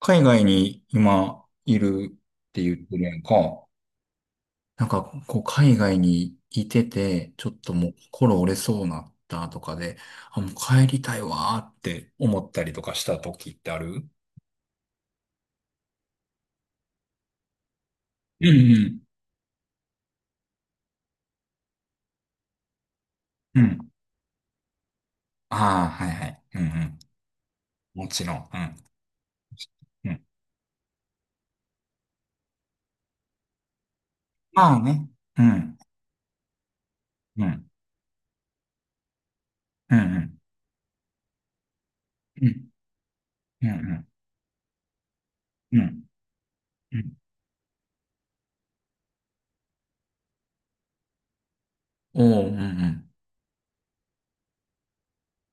海外に今いるって言ってるやんか。なんか、こう、海外にいてて、ちょっともう心折れそうなったとかで、あ、もう帰りたいわーって思ったりとかした時ってある？うんうん。うん。ああ、はいはい。うんうん。もちろん。うん。うん。まあね。うん。うん。うんうん。うん。うんうん。うん。うん。おーうんうん。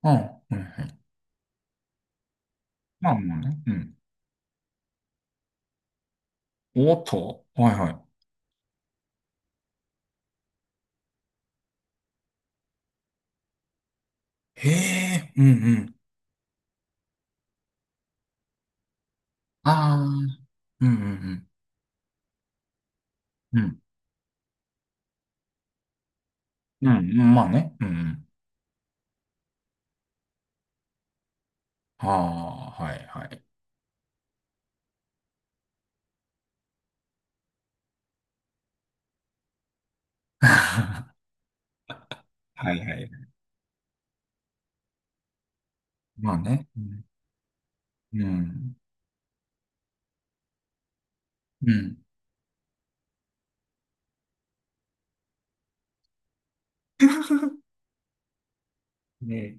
ああ、はいはい。まあまあね。うん。おーっと。はいはい。へえ、うんうん。ああ、うん、うん、うん。うん、うん、まあね。うん、うん。ああ、はい、はい。はいはい。まあね。うん。うん。うん ね。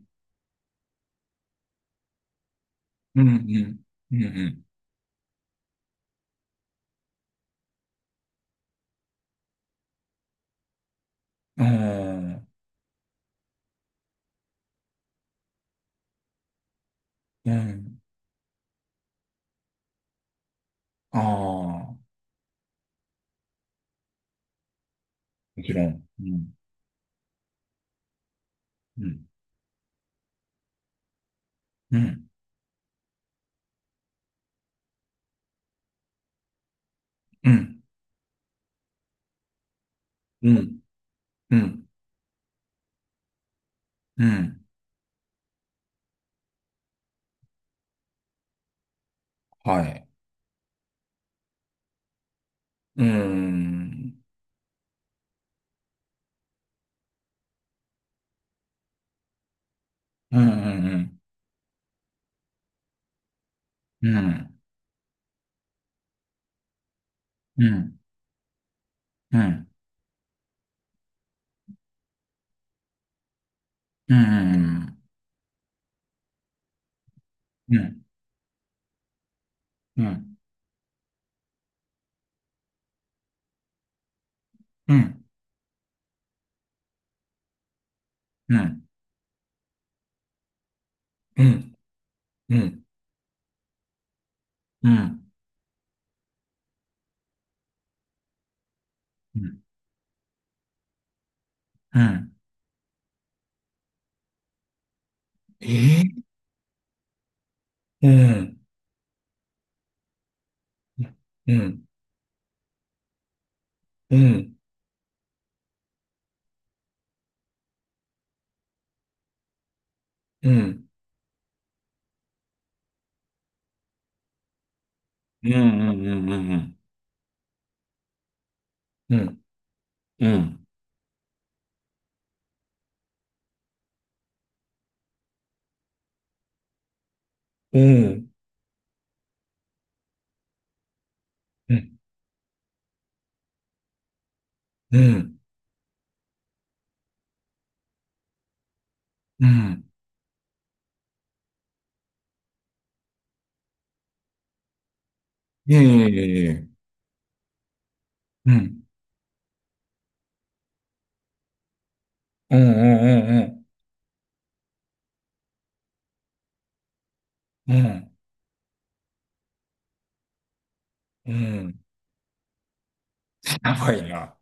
うん、うん。うん、うん。あーうん。ああ、もちろん。うん。うん。うん。うん。うん。うん。うん。はい。うん。うん。うん。うん。うん。うん。うん。うん。うん。うん。うん。うん。うん。うん、うん、うん、うん、うん。えーうん、うん、うん、うん、うんうんうんうんうん、うん。うん。うん、うん、うん、うん、いえいえいえいえ。うん、うん、うん、うん、うん、うん、うん。やばいな。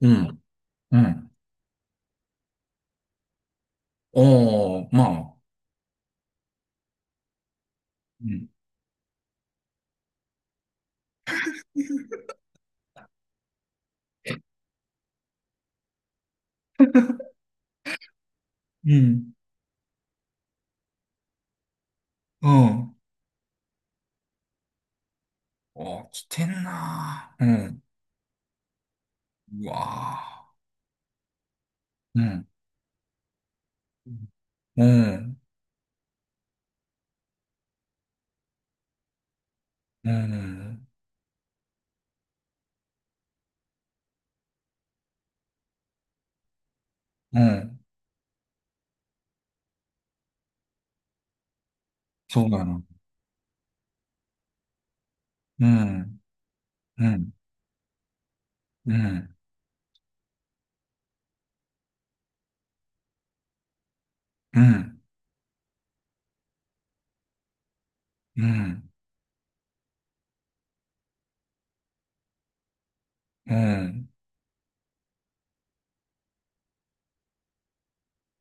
うん。うん。おー、まあ。うん、うん、うん、おー、来てんなーうん、うわーうん、うん、うん。うん。そうなの。うん。うん。うん。うん。うん。うん。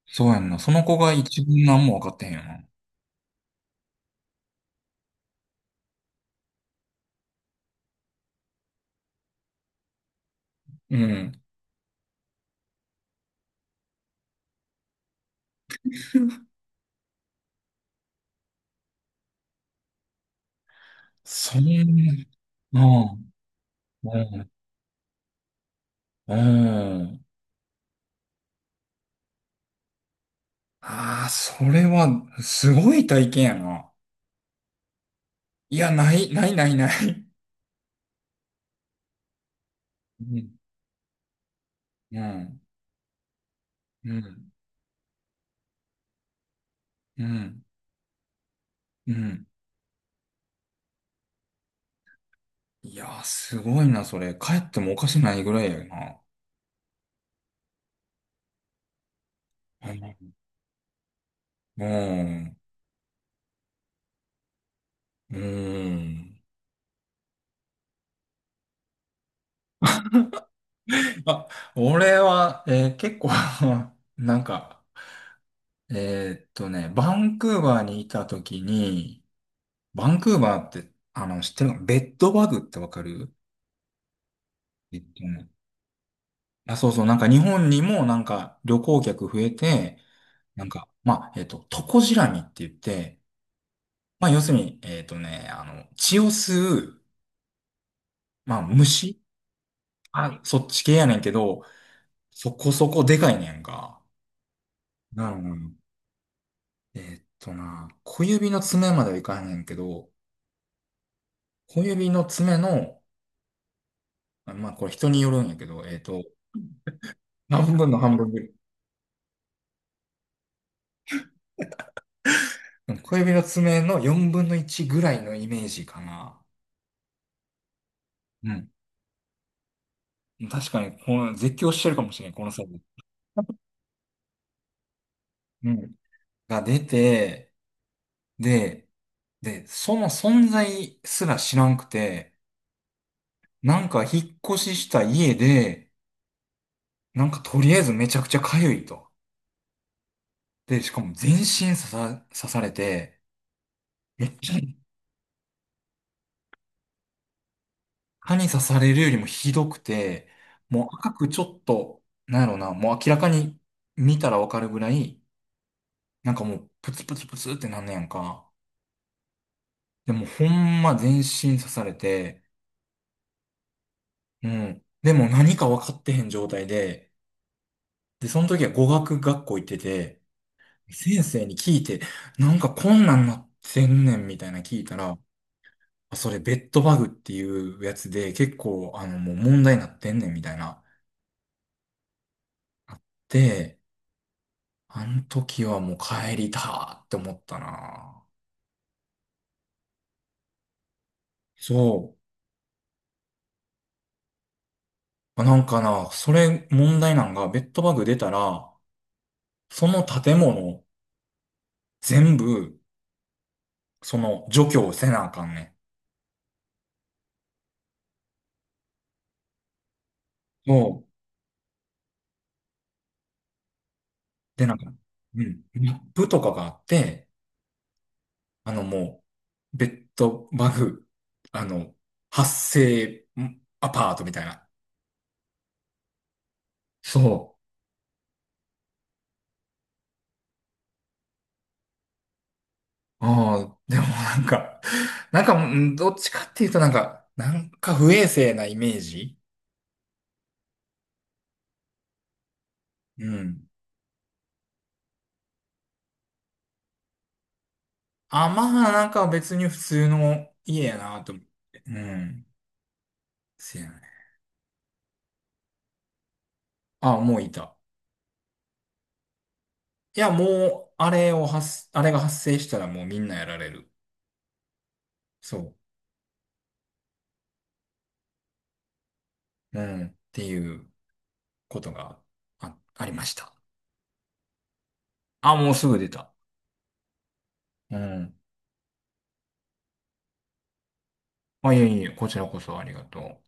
そうやんな。その子が一番何も分かってへんよな。うん。そんな。うん。うん。うん。ああ、それは、すごい体験やな。いや、ない、ない、ない、ない。うん。うん。うん。うん。うん。いやー、すごいな、それ。帰ってもおかしないぐらいやな。うん。うん。うん。あ、俺は、結構 なんか、バンクーバーにいた時に、バンクーバーって、知ってるのベッドバグってわかる？えっとね、あ、そうそう、なんか日本にもなんか旅行客増えて、なんか、まあ、トコジラミって言って、まあ、要するに、血を吸う、まあ、虫。あ、そっち系やねんけど、そこそこでかいねんか。なるほど。うん。えーっとな、小指の爪まではいかへんねんけど、小指の爪の、あ、まあこれ人によるんやけど、半分の半分ぐらい。うん。小指の爪の4分の1ぐらいのイメージかな。うん。確かに、この絶叫してるかもしれないこのサイズ。うん。が出て、で、その存在すら知らんくて、なんか引っ越しした家で、なんかとりあえずめちゃくちゃ痒いと。で、しかも全身刺されて、めっちゃ蚊に刺されるよりもひどくて、もう赤くちょっと、なんやろな、もう明らかに見たらわかるぐらい、なんかもうプツプツプツってなんねやんか。でもほんま全身刺されて、うん。でも何か分かってへん状態で、で、その時は語学学校行ってて、先生に聞いて、なんかこんなんなってんねんみたいな聞いたら、あ、それベッドバグっていうやつで結構もう問題になってんねんみたいな。で、あの時はもう帰りたって思ったな。そう。なんかな、それ問題なんが、ベッドバグ出たら、その建物全部、その除去せなあかんねん。そう。で、なんか、うん。マップとかがあって、もう、ベッドバグ、あの、発生アパートみたいな。そう。ああ、でもなんか、なんか、うん、どっちかっていうとなんか、なんか不衛生なイメージ。うん。あ、まあ、なんか別に普通の家やなと思って。うん。せやね。あ、もういた。いや、もう、あれを発、あれが発生したらもうみんなやられる。そう。うん。っていうことがありました。あ、もうすぐ出た。うん。あ、いえいえ、こちらこそありがとう。